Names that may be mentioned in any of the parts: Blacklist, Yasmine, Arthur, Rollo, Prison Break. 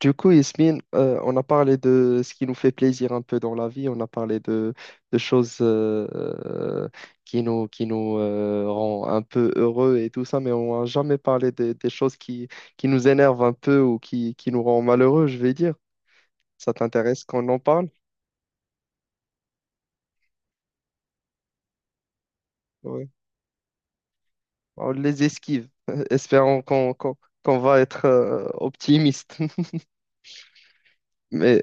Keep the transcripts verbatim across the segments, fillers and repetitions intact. Du coup, Yasmine, euh, on a parlé de ce qui nous fait plaisir un peu dans la vie, on a parlé de, de choses euh, euh, qui nous, qui nous euh, rend un peu heureux et tout ça, mais on n'a jamais parlé des des choses qui, qui nous énervent un peu ou qui, qui nous rend malheureux, je vais dire. Ça t'intéresse qu'on en parle? Ouais. On les esquive, espérons qu'on qu'on, qu'on va être euh, optimiste. Mais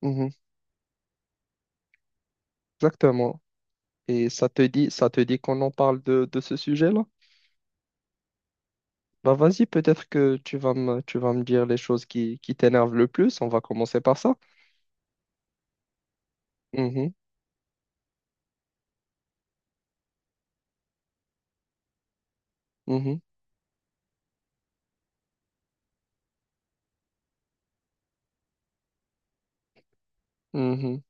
mhm, exactement. Et ça te dit, ça te dit qu'on en parle de, de ce sujet-là? Bah vas-y, peut-être que tu vas me, tu vas me dire les choses qui, qui t'énervent le plus. On va commencer par ça. Mhm, mhm, mhm.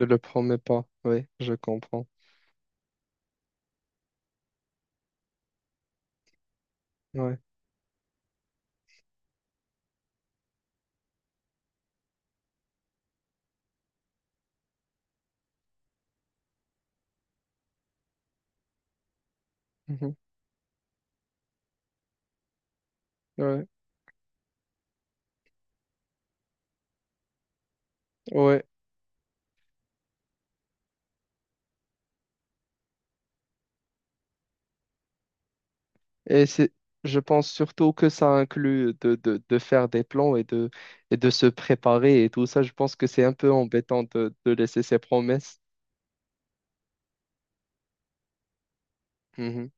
Je le promets pas. Oui, je comprends. Ouais, mhm, ouais, ouais. Et c'est, je pense surtout que ça inclut de, de, de faire des plans et de, et de se préparer et tout ça. Je pense que c'est un peu embêtant de, de laisser ses promesses. Mhm,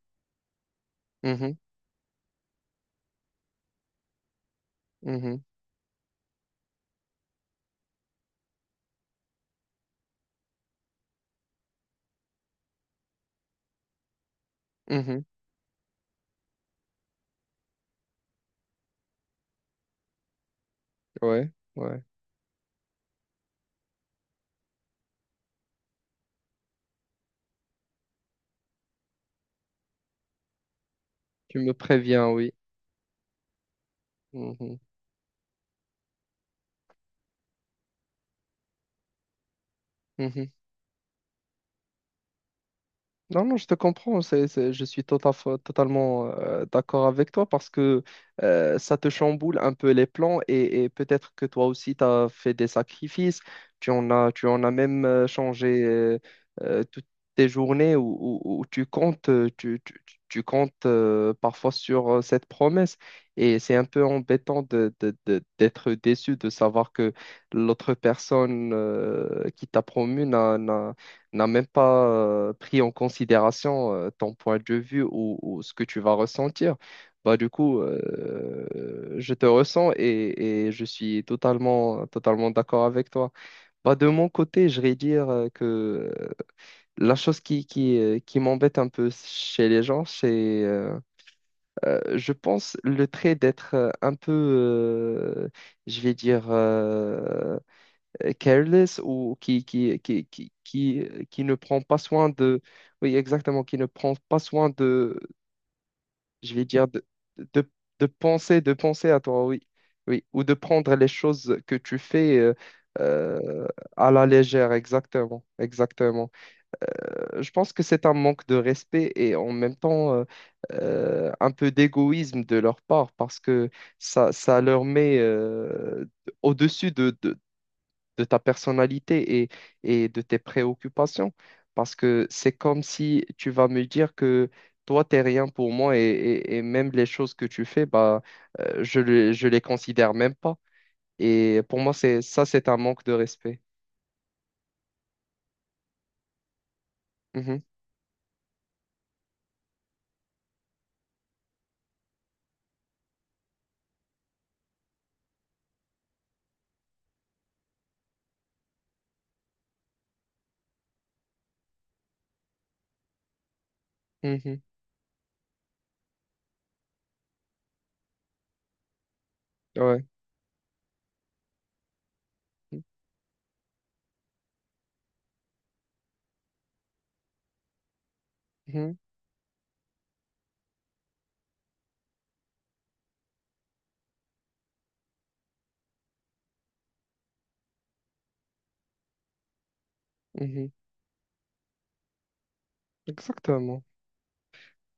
mhm, mhm, mhm. Ouais, ouais. Tu me préviens, oui. Mhm, mhm. Non, non, je te comprends. C'est, c'est- je suis tota- totalement euh, d'accord avec toi parce que euh, ça te chamboule un peu les plans et, et peut-être que toi aussi, tu as fait des sacrifices. Tu en as, tu en as même euh, changé euh, euh, toutes tes journées où, où- où tu comptes, euh, tu, tu- tu- tu comptes euh, parfois sur euh, cette promesse. Et c'est un peu embêtant de, de- de- d'être déçu de savoir que l'autre personne euh, qui t'a promu n'a même pas euh, pris en considération euh, ton point de vue ou, ou ce que tu vas ressentir. Bah, du coup, euh, je te ressens et, et je suis totalement, totalement d'accord avec toi. Bah, de mon côté, je vais dire euh, que euh, la chose qui, qui, euh, qui m'embête un peu chez les gens, c'est, euh, euh, je pense, le trait d'être euh, un peu, euh, je vais dire, euh, careless ou qui, qui, qui, qui, qui, qui ne prend pas soin de, oui, exactement, qui ne prend pas soin de, je vais dire, de, de, de penser, de penser à toi, oui, oui, ou de prendre les choses que tu fais euh, euh, à la légère, exactement, exactement. Euh, Je pense que c'est un manque de respect et en même temps euh, euh, un peu d'égoïsme de leur part parce que ça, ça leur met euh, au-dessus de de, de ta personnalité et, et de tes préoccupations. Parce que c'est comme si tu vas me dire que toi, t'es rien pour moi et, et- et même les choses que tu fais, bah, euh, je le- je les considère même pas. Et pour moi, c'est ça, c'est un manque de respect. Mhm, mhm, ouais. Mhm, mhm, exactement.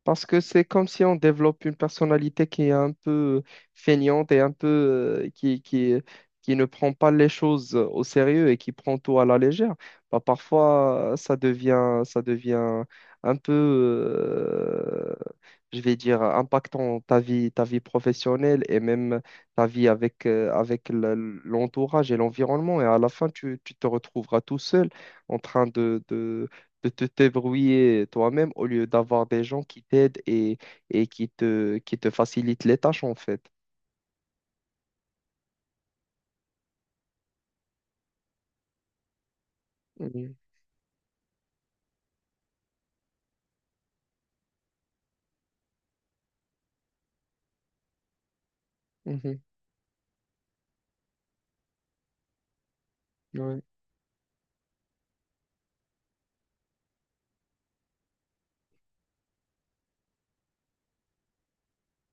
Parce que c'est comme si on développe une personnalité qui est un peu euh, feignante et un peu euh, qui, qui, qui ne prend pas les choses euh, au sérieux et qui prend tout à la légère. Bah, parfois, ça devient, ça devient un peu, euh, je vais dire, impactant ta vie, ta vie professionnelle et même ta vie avec, euh, avec le- l'entourage et l'environnement. Et à la fin, tu, tu te retrouveras tout seul en train de de te débrouiller toi-même au lieu d'avoir des gens qui t'aident et, et qui te, qui te facilitent les tâches, en fait. Mhm, mhm, ouais,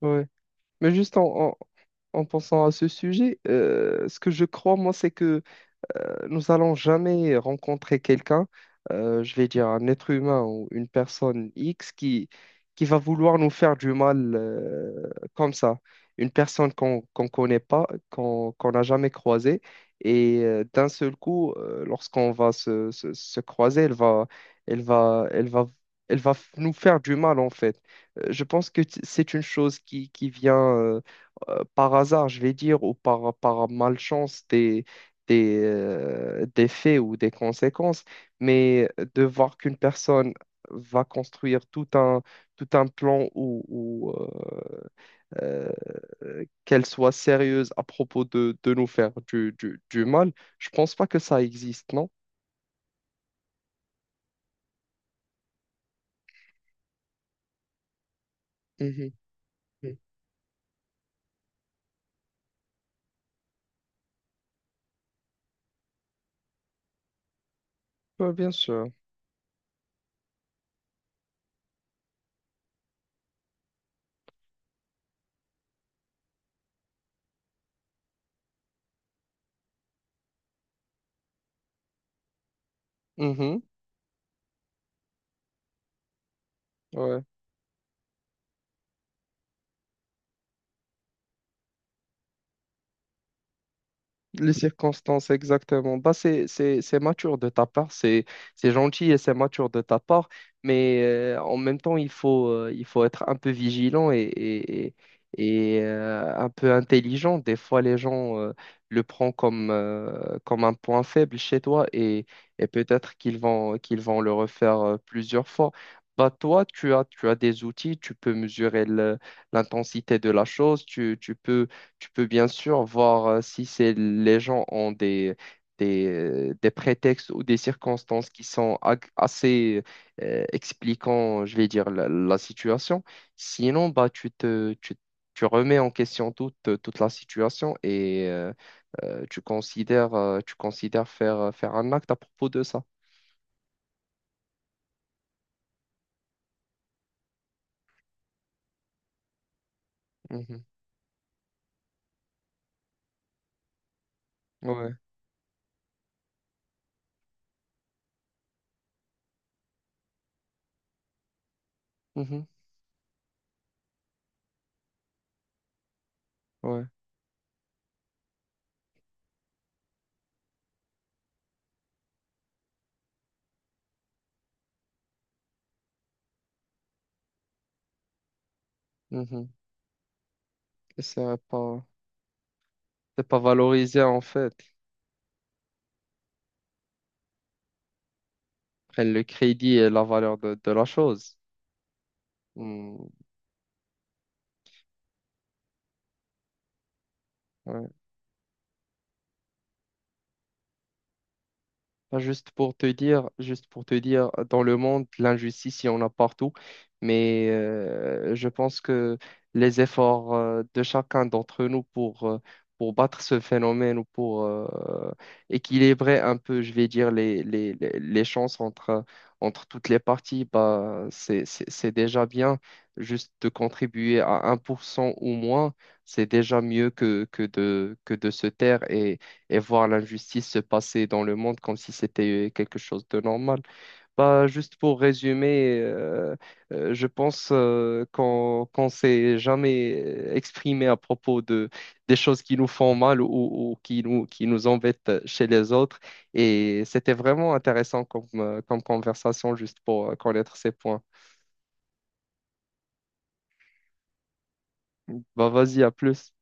ouais. Mais juste en, en, en pensant à ce sujet, euh, ce que je crois, moi, c'est que nous allons jamais rencontrer quelqu'un, euh, je vais dire un être humain ou une personne X qui, qui va vouloir nous faire du mal euh, comme ça. Une personne qu'on qu'on connaît pas, qu'on qu'on n'a jamais croisée. Et euh, d'un seul coup, euh, lorsqu'on va se, se, se croiser, elle va, elle va, elle va, elle va f- nous faire du mal en fait. Euh, Je pense que t- c'est une chose qui, qui vient euh, euh, par hasard, je vais dire, ou par, par malchance des, euh, des faits ou des conséquences, mais de voir qu'une personne va construire tout un, tout un plan ou, ou, euh, euh, qu'elle soit sérieuse à propos de, de nous faire du, du, du mal, je pense pas que ça existe, non? Mhm. Ouais, bien sûr. Mhm. Ouais. Les circonstances, exactement. Bah, c'est, c'est, c'est mature de ta part, c'est, c'est gentil et c'est mature de ta part, mais euh, en même temps, il faut, euh, il faut être un peu vigilant et, et, et- et, euh, un peu intelligent. Des fois, les gens euh, le prennent comme, euh, comme un point faible chez toi et, et peut-être qu'ils vont, qu'ils vont le refaire euh, plusieurs fois. Bah, toi, tu as, tu as des outils, tu peux mesurer le- l'intensité de la chose, tu, tu peux tu peux bien sûr voir euh, si c'est, les gens ont des, des, euh, des prétextes ou des circonstances qui sont ag- assez euh, expliquant, je vais dire, la, la situation. Sinon, bah, tu te, tu, tu remets en question toute, toute la situation et euh, euh, tu considères, euh, tu considères faire, euh, faire un acte à propos de ça. Mhm. Ouais. Mhm. Ouais. Mhm. Et c'est pas, c'est pas valorisé en fait. Prennent le crédit et la valeur de, de la chose. Hmm. Ouais. Pas Juste pour te dire, juste pour te dire, dans le monde, l'injustice, il y en a partout, mais euh, je pense que les efforts euh, de chacun d'entre nous pour, euh, pour battre ce phénomène ou pour euh, équilibrer un peu, je vais dire, les, les, les, les chances entre, entre toutes les parties, bah, c'est, c'est, c'est déjà bien. Juste de contribuer à un pour cent ou moins, c'est déjà mieux que, que de, que de se taire et voir l'injustice se passer dans le monde comme si c'était euh, quelque chose de normal. Bah, juste pour résumer, euh, euh, je pense euh, qu'on qu'on s'est jamais euh, exprimé à propos de des choses qui nous font mal ou, ou qui nous qui nous embêtent chez les autres. Et c'était vraiment intéressant comme, euh, comme conversation juste pour euh, connaître ces points. Bah, vas-y, à plus.